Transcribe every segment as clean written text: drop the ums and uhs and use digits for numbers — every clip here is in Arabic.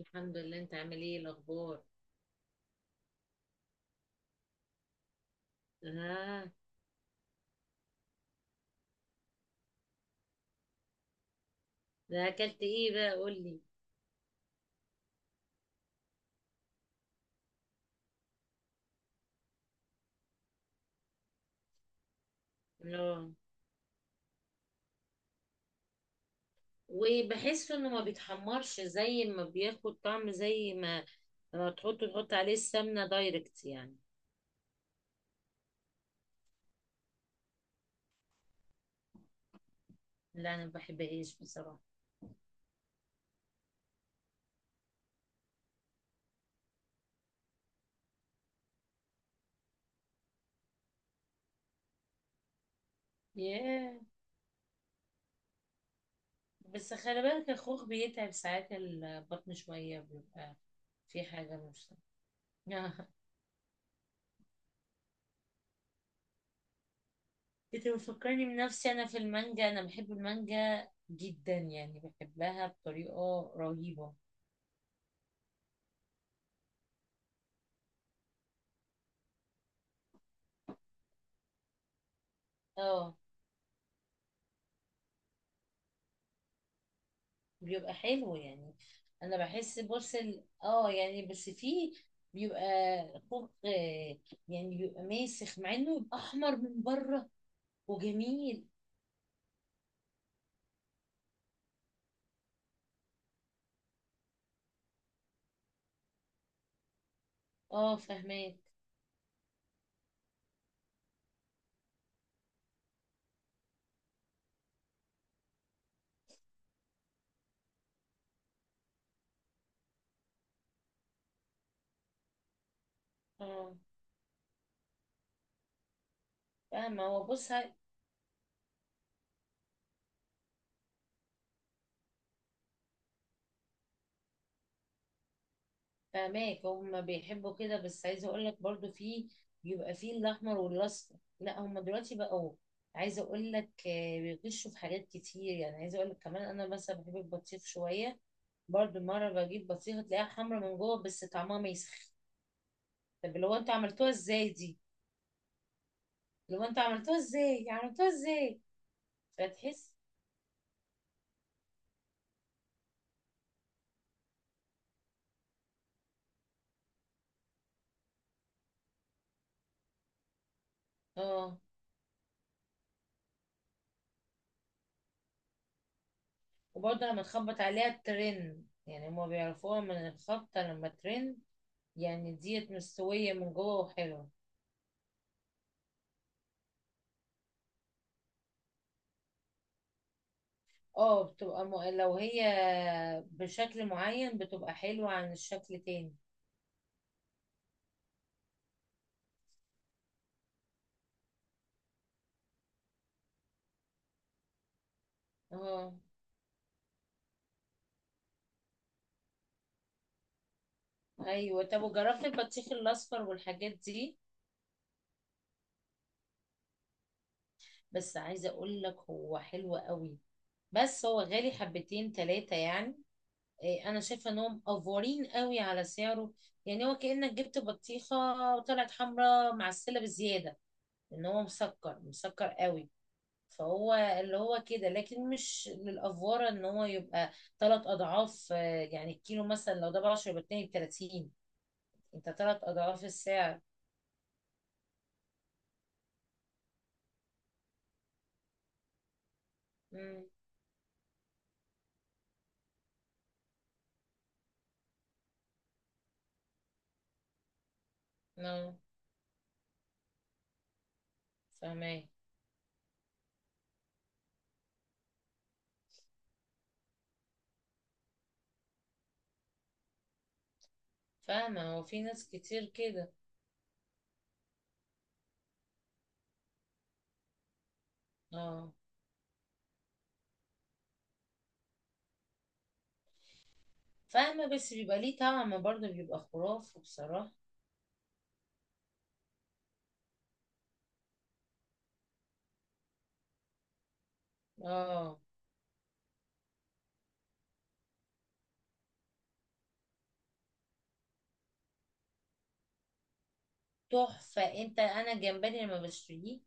الحمد لله. انت عامل ايه الاخبار؟ اه، ده اكلت ايه بقى؟ قول لي. اه، وبحسه انه ما بيتحمرش زي ما بياخد طعم زي ما لما تحطه تحط عليه السمنه دايركت يعني. لا، انا ما بحبهاش بصراحه. ياه، بس خلي بالك الخوخ بيتعب ساعات، البطن شويه بيبقى في حاجه مش... آه. انت بتفكرني بنفسي، انا في المانجا، انا بحب المانجا جدا، يعني بحبها بطريقه رهيبه. اه، بيبقى حلو يعني. انا بحس بورسل، يعني بس فيه بيبقى خوخ، يعني بيبقى ماسخ مع انه يبقى احمر من بره وجميل. اه، فهماك. اه، فاهمة. هو بص فهماك، هما بيحبوا كده، بس عايزة اقول لك برضو فيه بيبقى فيه الاحمر والاصفر. لا، هما دلوقتي بقوا عايزة اقول لك، بيغشوا في حاجات كتير، يعني عايزة اقول لك كمان انا مثلا بحب البطيخ شوية. برضو مرة بجيب بطيخة تلاقيها حمرا من جوه بس طعمها ماسخ. طب اللي هو انتوا عملتوها ازاي دي؟ اللي هو انتوا عملتوها ازاي؟ عملتوها ازاي؟ فتحس؟ اه، وبرضه لما تخبط عليها الترن، يعني هما بيعرفوها من الخبطة لما ترن. يعني ديت مستوية من جوه وحلوة. اه، بتبقى لو هي بشكل معين بتبقى حلوة عن الشكل تاني. اه، ايوه. طب وجربت البطيخ الاصفر والحاجات دي؟ بس عايزة اقول لك هو حلو قوي، بس هو غالي حبتين تلاتة يعني. إيه، انا شايفه انهم افورين قوي على سعره، يعني هو كانك جبت بطيخه وطلعت حمراء معسله بزياده، ان هو مسكر مسكر قوي. فهو اللي هو كده، لكن مش للافوره ان هو يبقى ثلاث اضعاف. يعني الكيلو مثلا لو ده ب 10 يبقى اتنين ب 30. انت ثلاث اضعاف السعر. امم اه، فاهمه. فاهمه، هو في ناس كتير كده. اه، فاهمه، بس بيبقى ليه طعم برضه بيبقى خرافي بصراحه. اه، تحفة. انت انا الجمبري لما بشتريه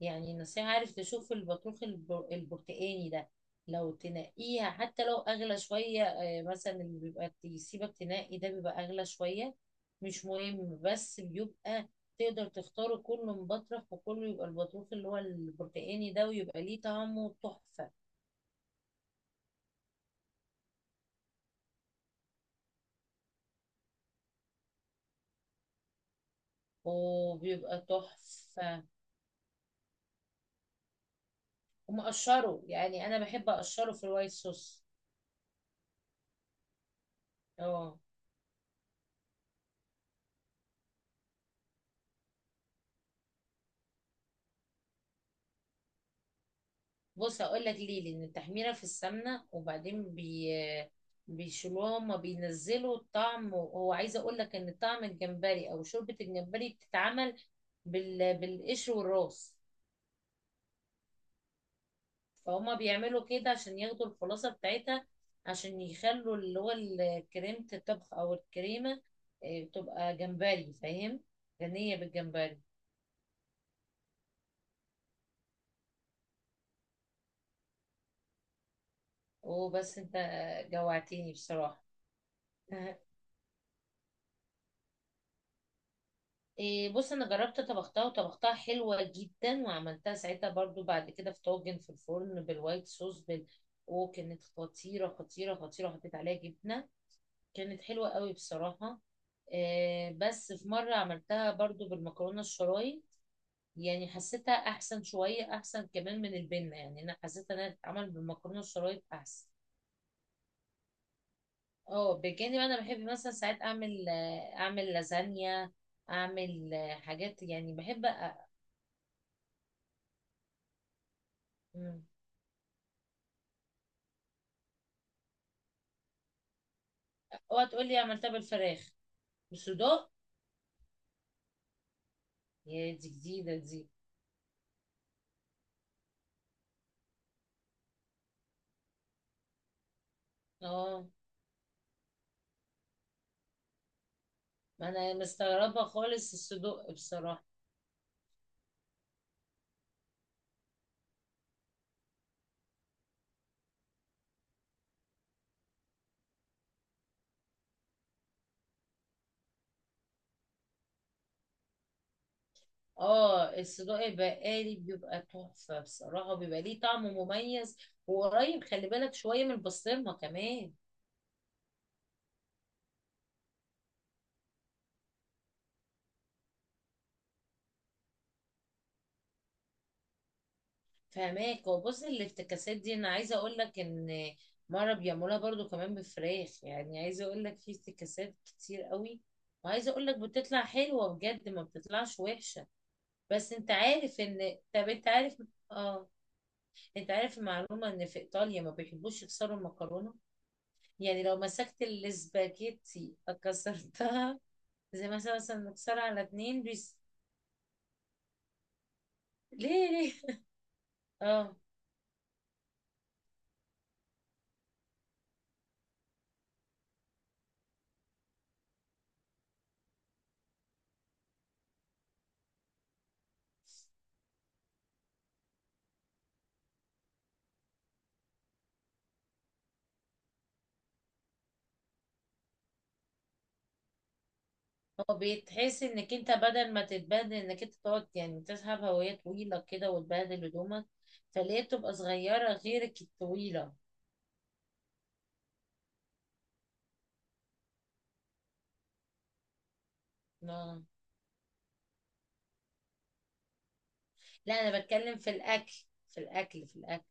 يعني نصيحة، عارف تشوف البطروخ البرتقاني ده، لو تنقيها حتى لو اغلى شوية، مثلا اللي بيبقى يسيبك تنقي ده بيبقى اغلى شوية، مش مهم، بس بيبقى تقدر تختاره كله مبطرخ وكله يبقى البطروخ اللي هو البرتقاني ده ويبقى ليه طعمه تحفة. وبيبقى تحفة ومقشره، يعني انا بحب اقشره في الوايت صوص. اه، بص هقول لك ليه. لان التحميره في السمنه وبعدين بيشيلوها، هما بينزلوا الطعم، وهو عايزه اقول لك ان طعم الجمبري او شوربه الجمبري بتتعمل بالقشر والراس. فهما بيعملوا كده عشان ياخدوا الخلاصه بتاعتها، عشان يخلوا اللي هو كريمه الطبخ او الكريمه، إيه، تبقى جمبري، فاهم؟ غنيه بالجمبري. وبس انت، جوعتني بصراحه. إيه، بص انا جربت طبختها وطبختها حلوه جدا، وعملتها ساعتها برضو بعد كده في طاجن في الفرن بالوايت صوص وكانت خطيره خطيره خطيره، حطيت عليها جبنه. كانت حلوه قوي بصراحه. إيه، بس في مره عملتها برضو بالمكرونه الشرايط، يعني حسيتها احسن شويه احسن كمان من البنه، يعني انا حسيت انها تتعمل بالمكرونه الشرايط احسن. اه، بجانب انا بحب مثلا ساعات اعمل، اعمل لازانيا، اعمل حاجات يعني بحب. أ... اوعى تقول لي عملتها بالفراخ؟ بالصدوق؟ يا دي جديدة دي. اه، ما انا مستغربة خالص الصدوق بصراحة. اه، الصدوق البقالي بيبقى تحفة بصراحة، بيبقى ليه طعم مميز. وقريب خلي بالك شوية من البسطرمة كمان. فهماك. وبص الافتكاسات دي انا عايزة اقول لك ان مرة بيعملوها برضو كمان بفراخ، يعني عايزة اقول لك في افتكاسات كتير قوي، وعايزة اقول لك بتطلع حلوة بجد ما بتطلعش وحشة. بس انت عارف ان، طب انت عارف. اه، انت عارف المعلومة ان في ايطاليا ما بيحبوش يكسروا المكرونة، يعني لو مسكت الاسباجيتي كسرتها، زي مثلا نكسرها على اتنين بيس. ليه ليه؟ اه، هو بيتحس انك انت بدل ما تتبهدل انك انت تقعد يعني تسحب هواية طويلة كده وتبهدل هدومك، فليه بتبقى صغيرة غيرك الطويلة. اه، لا، انا بتكلم في الاكل، في الاكل، في الاكل.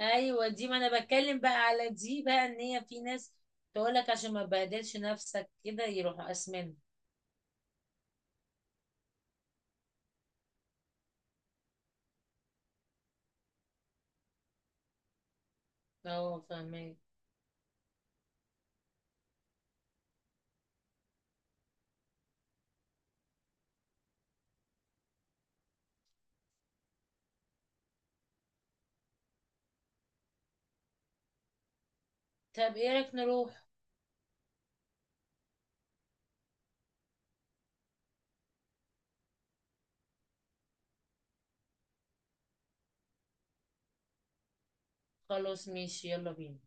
ايوه دي، ما انا بتكلم بقى على دي بقى، ان هي في ناس تقولك عشان ما تبهدلش نفسك كده يروحوا اسمنت. اه، فاهمين. طب ايه رايك نروح؟ خلاص ماشي، يلا بينا.